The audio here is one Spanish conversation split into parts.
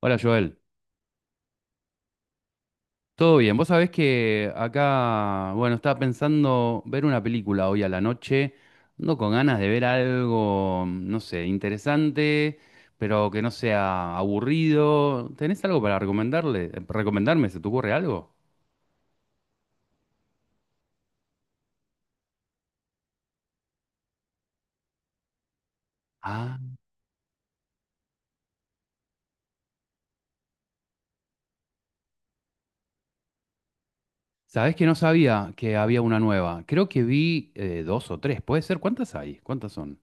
Hola Joel, ¿todo bien? Vos sabés que acá, bueno, estaba pensando ver una película hoy a la noche, ando con ganas de ver algo, no sé, interesante, pero que no sea aburrido. ¿Tenés algo para recomendarle? ¿Recomendarme? ¿Se te ocurre algo? Ah, sabés que no sabía que había una nueva. Creo que vi dos o tres, ¿puede ser? ¿Cuántas hay? ¿Cuántas son?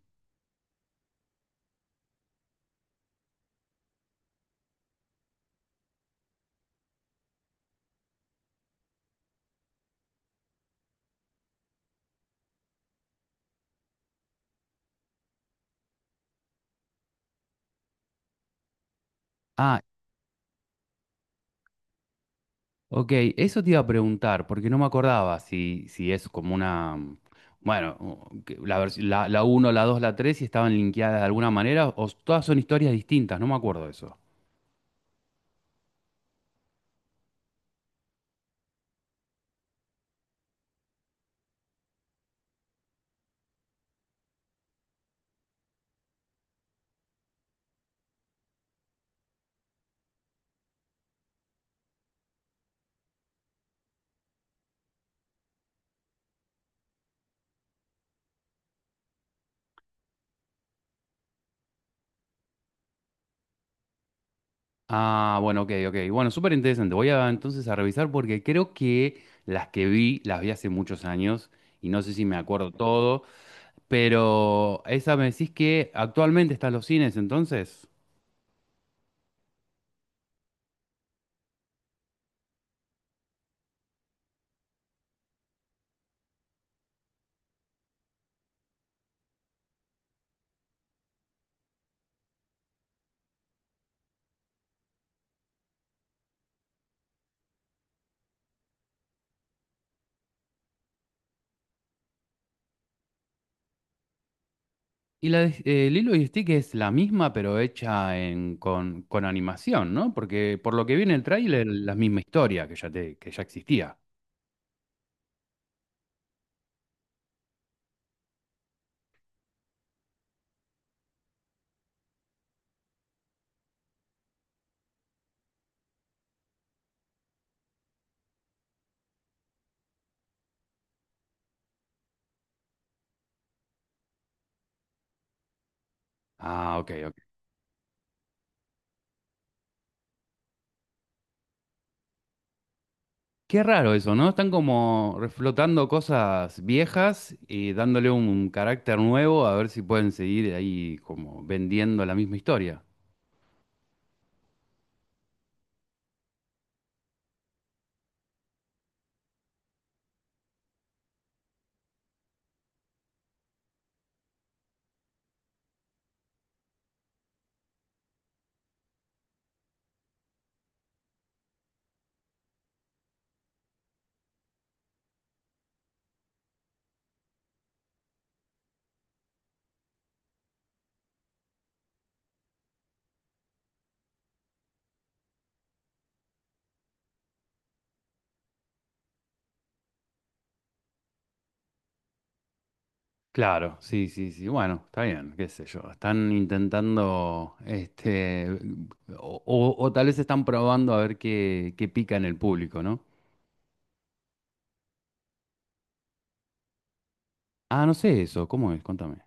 Ah, ok, eso te iba a preguntar, porque no me acordaba si es como una, bueno, que la 1, la 2 la 3 si estaban linkeadas de alguna manera, todas son historias distintas, no me acuerdo de eso. Ah, bueno, ok, ok. Bueno, súper interesante. Voy a entonces a revisar porque creo que las que vi, las vi hace muchos años y no sé si me acuerdo todo, pero esa me decís que actualmente está en los cines, entonces. Y Lilo y Stick es la misma, pero hecha en, con animación, ¿no? Porque por lo que vi en el tráiler, la misma historia que ya existía. Ah, ok, ok. Qué raro eso, ¿no? Están como reflotando cosas viejas y dándole un carácter nuevo a ver si pueden seguir ahí como vendiendo la misma historia. Claro, sí, sí, sí. Bueno, está bien, qué sé yo. Están intentando, este, o tal vez están probando a ver qué pica en el público, ¿no? Ah, no sé eso, ¿cómo es? Contame.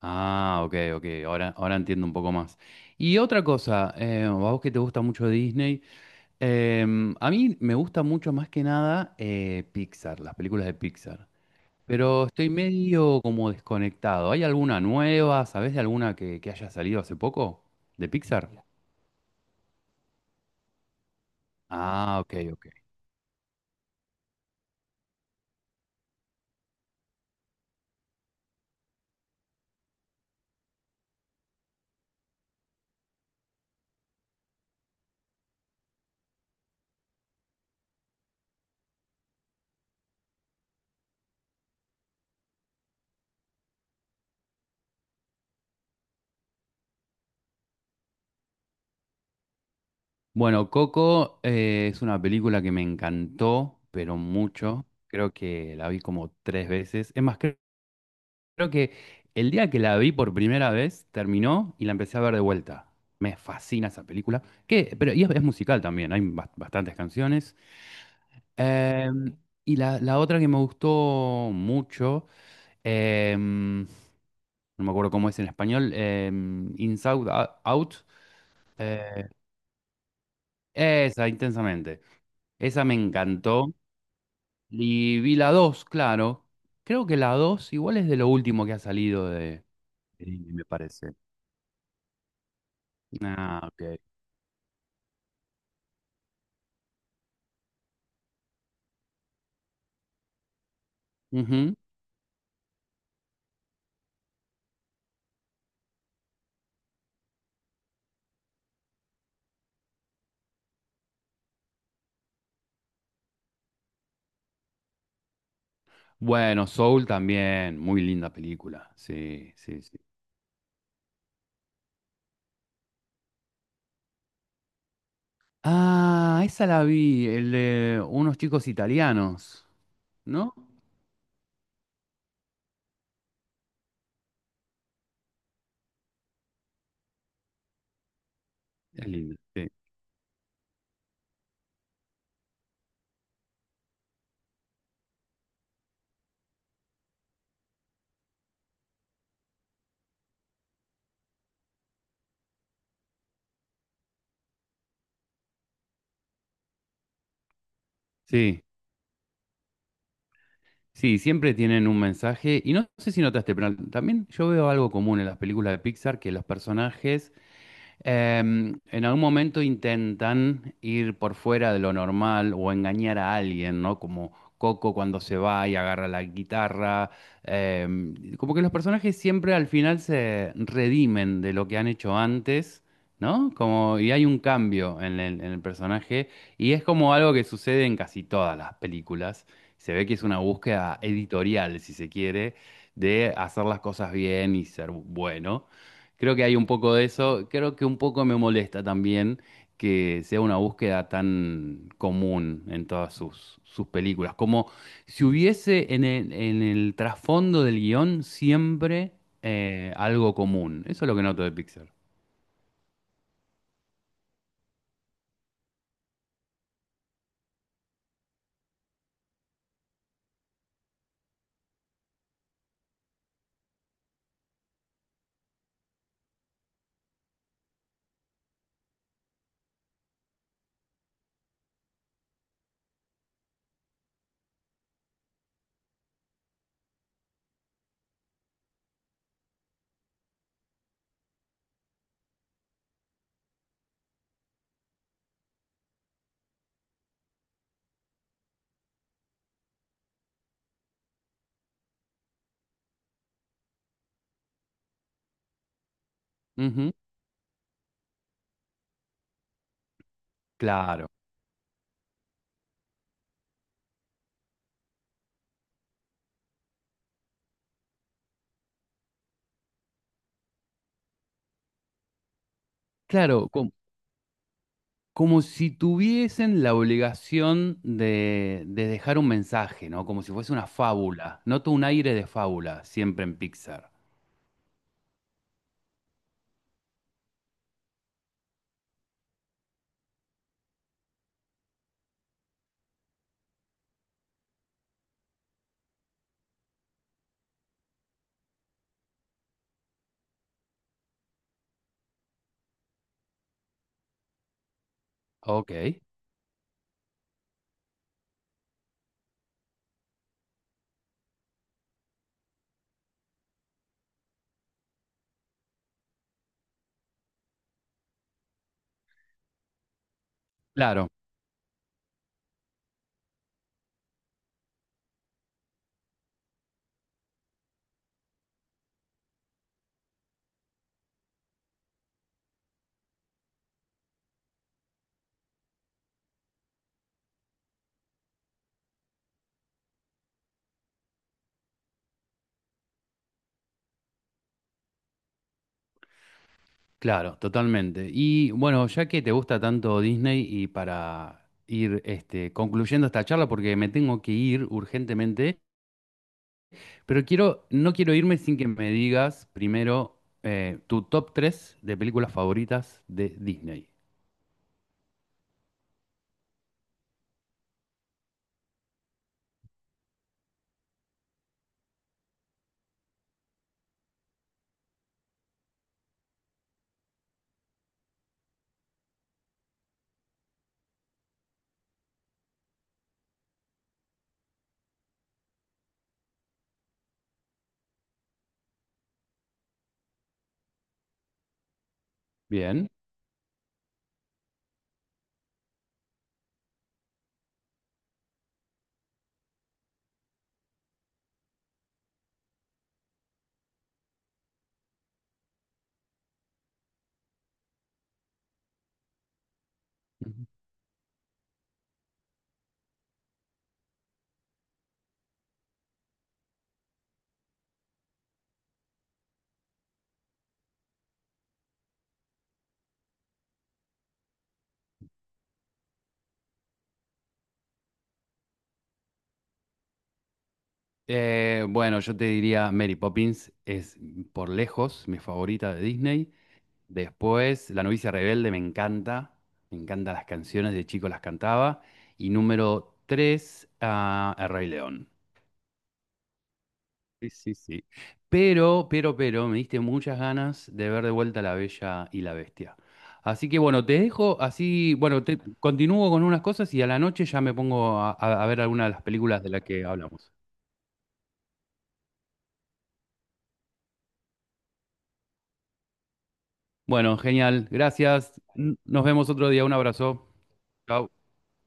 Ah, ok, ok, ahora entiendo un poco más. Y otra cosa, a vos que te gusta mucho Disney, a mí me gusta mucho más que nada Pixar, las películas de Pixar, pero estoy medio como desconectado. ¿Hay alguna nueva? ¿Sabés de alguna que haya salido hace poco? ¿De Pixar? Ah, ok, ok. Bueno, Coco es una película que me encantó, pero mucho. Creo que la vi como tres veces. Es más, creo. Que el día que la vi por primera vez terminó y la empecé a ver de vuelta. Me fascina esa película. Que, pero y es musical también, hay bastantes canciones. Em, y la otra que me gustó mucho, em, no me acuerdo cómo es en español, Inside Out, eh, esa, intensamente. Esa me encantó. Y vi la 2, claro. Creo que la 2 igual es de lo último que ha salido de Disney, me parece. Ah, ok. Ujú. Bueno, Soul también, muy linda película. Sí, sí, sí. Ah, esa la vi, el de unos chicos italianos, ¿no? Es linda, sí. Sí, sí, siempre tienen un mensaje. Y no sé si notaste, pero también yo veo algo común en las películas de Pixar, que los personajes, en algún momento intentan ir por fuera de lo normal o engañar a alguien, ¿no? Como Coco cuando se va y agarra la guitarra. Como que los personajes siempre al final se redimen de lo que han hecho antes, ¿no? Como, y hay un cambio en el personaje y es como algo que sucede en casi todas las películas. Se ve que es una búsqueda editorial, si se quiere, de hacer las cosas bien y ser bueno. Creo que hay un poco de eso. Creo que un poco me molesta también que sea una búsqueda tan común en todas sus películas. Como si hubiese en el trasfondo del guión siempre algo común. Eso es lo que noto de Pixar. Ujú, claro, claro, como, si tuviesen la obligación de dejar un mensaje, ¿no? Como si fuese una fábula. Noto un aire de fábula siempre en Pixar. Ok. Claro. Claro, totalmente. Y bueno, ya que te gusta tanto Disney y para ir este, concluyendo esta charla, porque me tengo que ir urgentemente, pero quiero, no quiero irme sin que me digas primero tu top 3 de películas favoritas de Disney. Bien. Ujú. Bueno, yo te diría Mary Poppins es por lejos mi favorita de Disney. Después, La novicia rebelde me encanta. Me encantan las canciones, de chico las cantaba. Y número tres, ah, El Rey León. Sí, sí, sí. Pero, me diste muchas ganas de ver de vuelta La Bella y la Bestia. Así que bueno, te dejo así, bueno, continúo con unas cosas y a la noche ya me pongo a, a ver alguna de las películas de las que hablamos. Bueno, genial, gracias. Nos vemos otro día, un abrazo. Chao.